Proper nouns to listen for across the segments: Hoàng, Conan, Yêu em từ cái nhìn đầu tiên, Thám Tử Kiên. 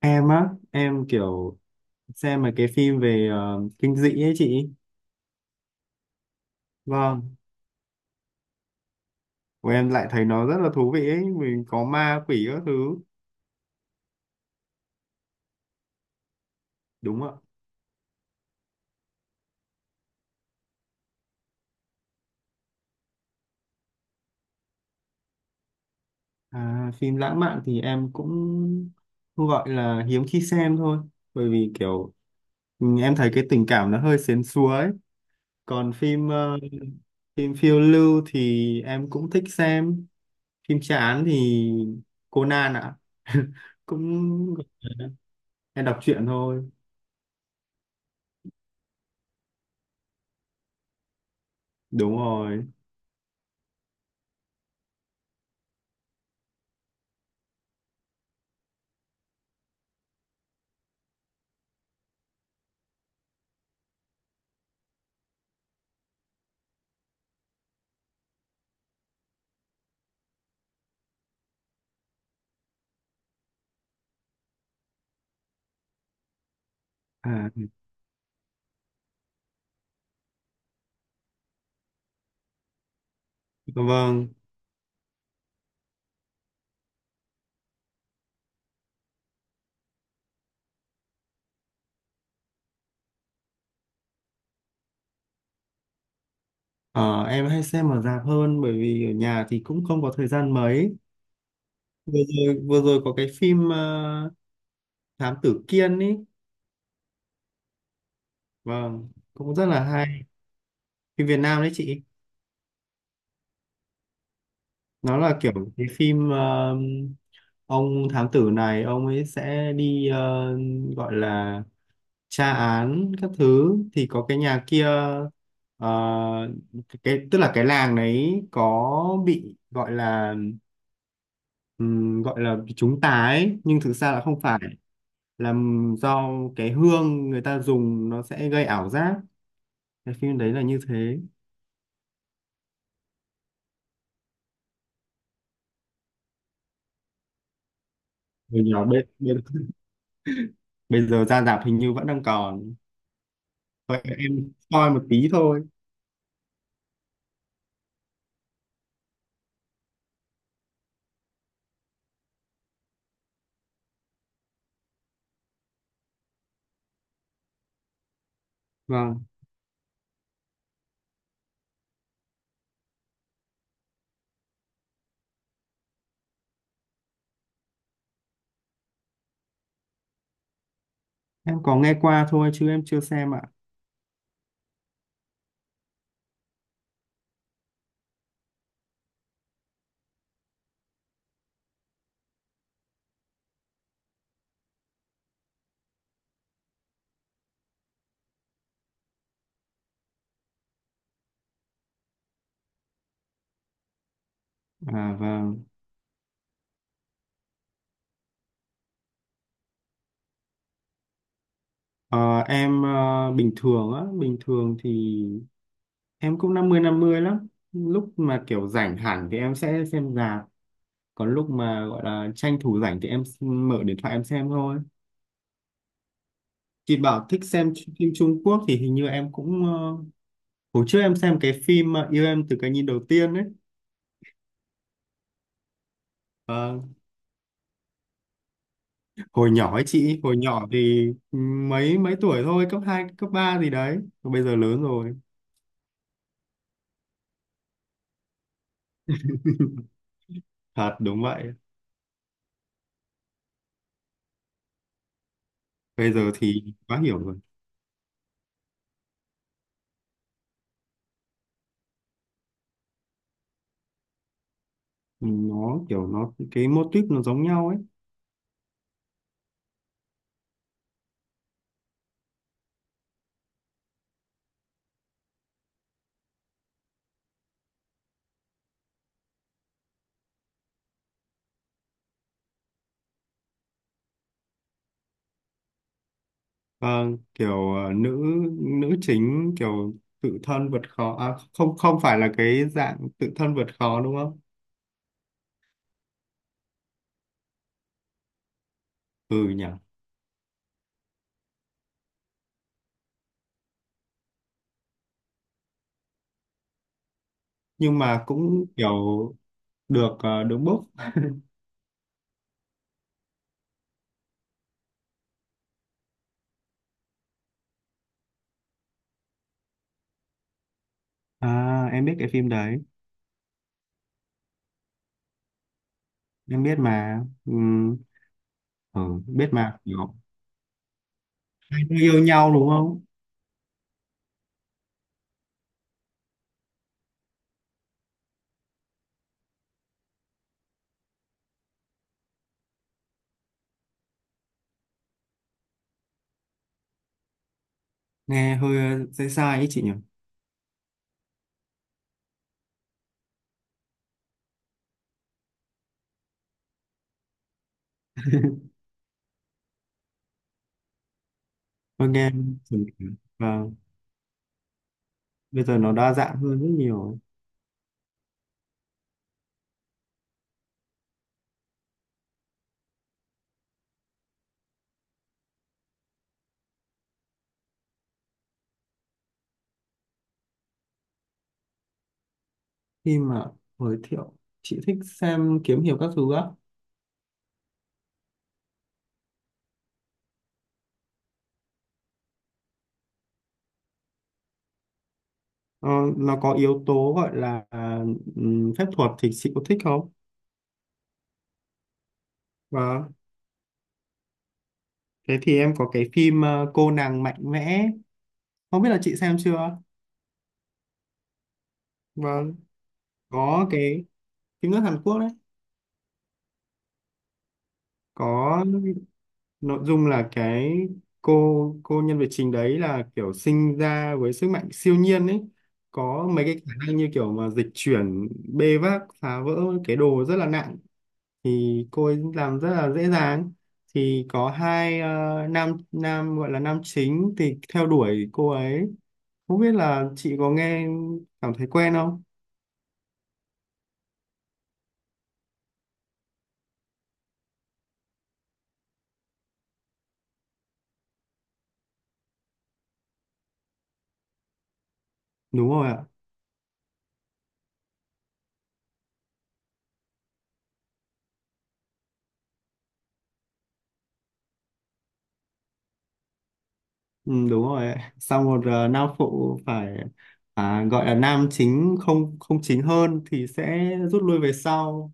Em á, em kiểu xem mà cái phim về kinh dị ấy chị. Vâng, của em lại thấy nó rất là thú vị ấy, mình có ma quỷ các thứ. Đúng ạ. À, phim lãng mạn thì em cũng cũng gọi là hiếm khi xem thôi, bởi vì kiểu em thấy cái tình cảm nó hơi sến súa ấy. Còn phim phim phiêu lưu thì em cũng thích xem. Phim chán thì Conan ạ. Cũng em đọc truyện thôi. Đúng rồi. À, vâng. Ờ, em hay xem ở rạp hơn, bởi vì ở nhà thì cũng không có thời gian mấy. Vừa vừa rồi có cái phim Thám Tử Kiên ý, vâng, cũng rất là hay. Phim Việt Nam đấy chị. Nó là kiểu cái phim ông thám tử này, ông ấy sẽ đi gọi là tra án các thứ. Thì có cái nhà kia, ờ, cái, tức là cái làng đấy có bị gọi là bị chúng ta ấy, nhưng thực ra là không phải, là do cái hương người ta dùng nó sẽ gây ảo giác. Cái phim đấy là như thế. Hồi nhỏ bây giờ ra rạp hình như vẫn đang còn. Vậy em coi một tí thôi. Vâng. Em có nghe qua thôi chứ em chưa xem ạ. À vâng. Ờ, em bình thường á, bình thường thì em cũng 50/50, lắm lúc mà kiểu rảnh hẳn thì em sẽ xem rạp, còn lúc mà gọi là tranh thủ rảnh thì mở điện thoại em xem thôi. Chị bảo thích xem phim Trung Quốc thì hình như em cũng hồi trước em xem cái phim mà Yêu em từ cái nhìn đầu tiên ấy. Ờ, hồi nhỏ ấy chị, hồi nhỏ thì mấy mấy tuổi thôi, cấp 2 cấp 3 gì đấy. Còn bây giờ lớn rồi. Thật đúng vậy. Bây giờ thì quá hiểu rồi. Nó kiểu nó cái mô típ nó giống nhau ấy. Ờ, kiểu nữ nữ chính kiểu tự thân vượt khó, không, không phải là cái dạng tự thân vượt khó đúng không? Ừ nhỉ. Nhưng mà cũng kiểu được, đúng book. À, em biết cái phim đấy. Em biết mà ừ, biết mà kiểu hai đứa yêu nhau đúng không? Nghe hơi sai sai ấy chị nhỉ. Hơi nghe, và bây giờ nó đa dạng hơn rất nhiều. Khi mà giới thiệu, chị thích xem kiếm hiệp các thứ á? ờ, nó có yếu tố gọi là phép thuật thì chị có thích không? Vâng, thế thì em có cái phim cô nàng mạnh mẽ, không biết là chị xem chưa. Vâng, có cái phim nước Hàn Quốc đấy. Có, nội dung là cái cô nhân vật chính đấy là kiểu sinh ra với sức mạnh siêu nhiên ấy, có mấy cái khả năng như kiểu mà dịch chuyển, bê vác phá vỡ cái đồ rất là nặng thì cô ấy làm rất là dễ dàng. Thì có hai nam nam gọi là nam chính thì theo đuổi cô ấy. Không biết là chị có nghe, cảm thấy quen không? Đúng rồi ạ. Ừ, đúng rồi ấy. Sau một nam phụ phải, gọi là nam chính không, không chính hơn thì sẽ rút lui về sau.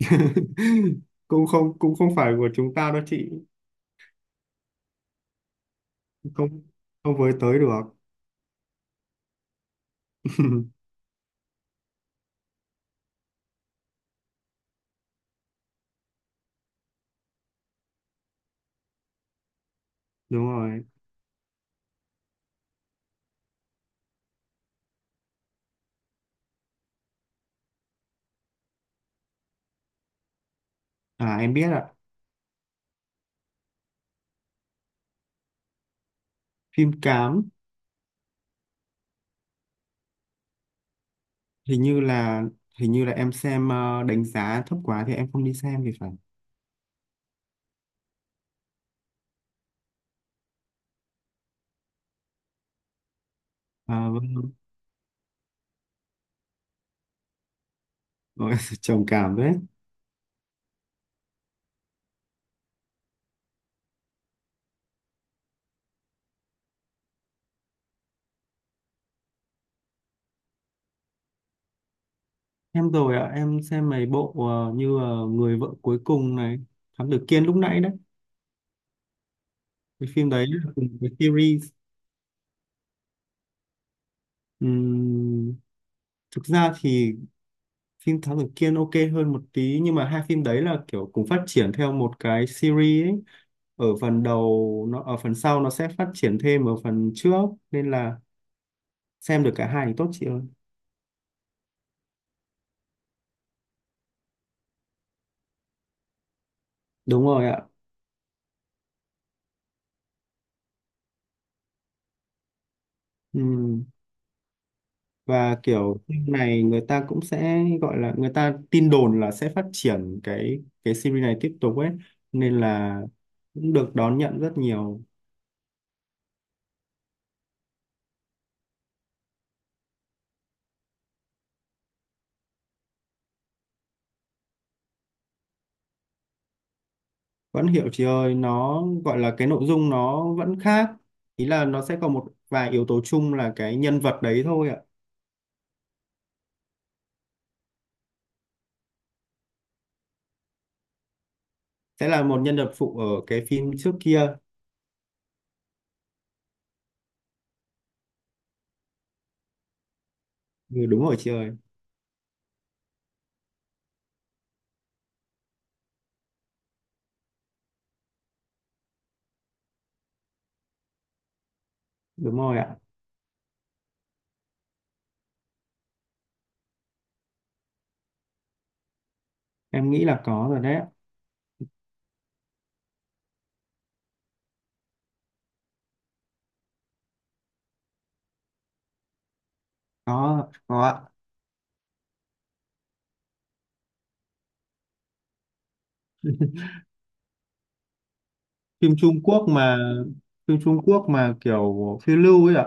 Cũng không phải của chúng ta đâu chị, không không với tới được. Đúng rồi. À em biết ạ. Phim Cám. Hình như là, hình như là em xem đánh giá thấp quá thì em không đi xem thì phải. À, vâng. Ôi, trầm cảm đấy. Em rồi ạ, em xem mấy bộ như Người vợ cuối cùng này, Thám Tử Kiên lúc nãy đấy. Cái phim đấy là cùng cái series. Ừm, thực ra thì phim Thám Tử Kiên ok hơn một tí, nhưng mà hai phim đấy là kiểu cùng phát triển theo một cái series ấy. Ở phần đầu nó, ở phần sau nó sẽ phát triển thêm ở phần trước, nên là xem được cả hai thì tốt chị ơi. Đúng rồi ạ. Ừm, và kiểu phim này người ta cũng sẽ gọi là, người ta tin đồn là sẽ phát triển cái series này tiếp tục ấy, nên là cũng được đón nhận rất nhiều. Vẫn hiểu chị ơi, nó gọi là cái nội dung nó vẫn khác, ý là nó sẽ có một vài yếu tố chung là cái nhân vật đấy thôi ạ. Sẽ là một nhân vật phụ ở cái phim trước kia. Ừ, đúng rồi chị ơi. Đúng rồi ạ. Em nghĩ là có rồi đấy ạ. Có ạ. Phim Trung Quốc mà, phim Trung Quốc mà kiểu phiêu lưu ấy ạ.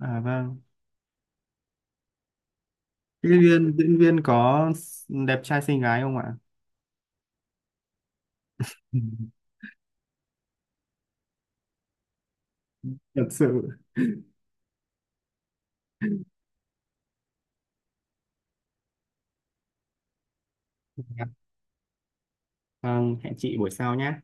À vâng. Diễn viên, diễn viên có đẹp trai xinh gái không ạ? Thật sự. Vâng, hẹn chị buổi sau nhé.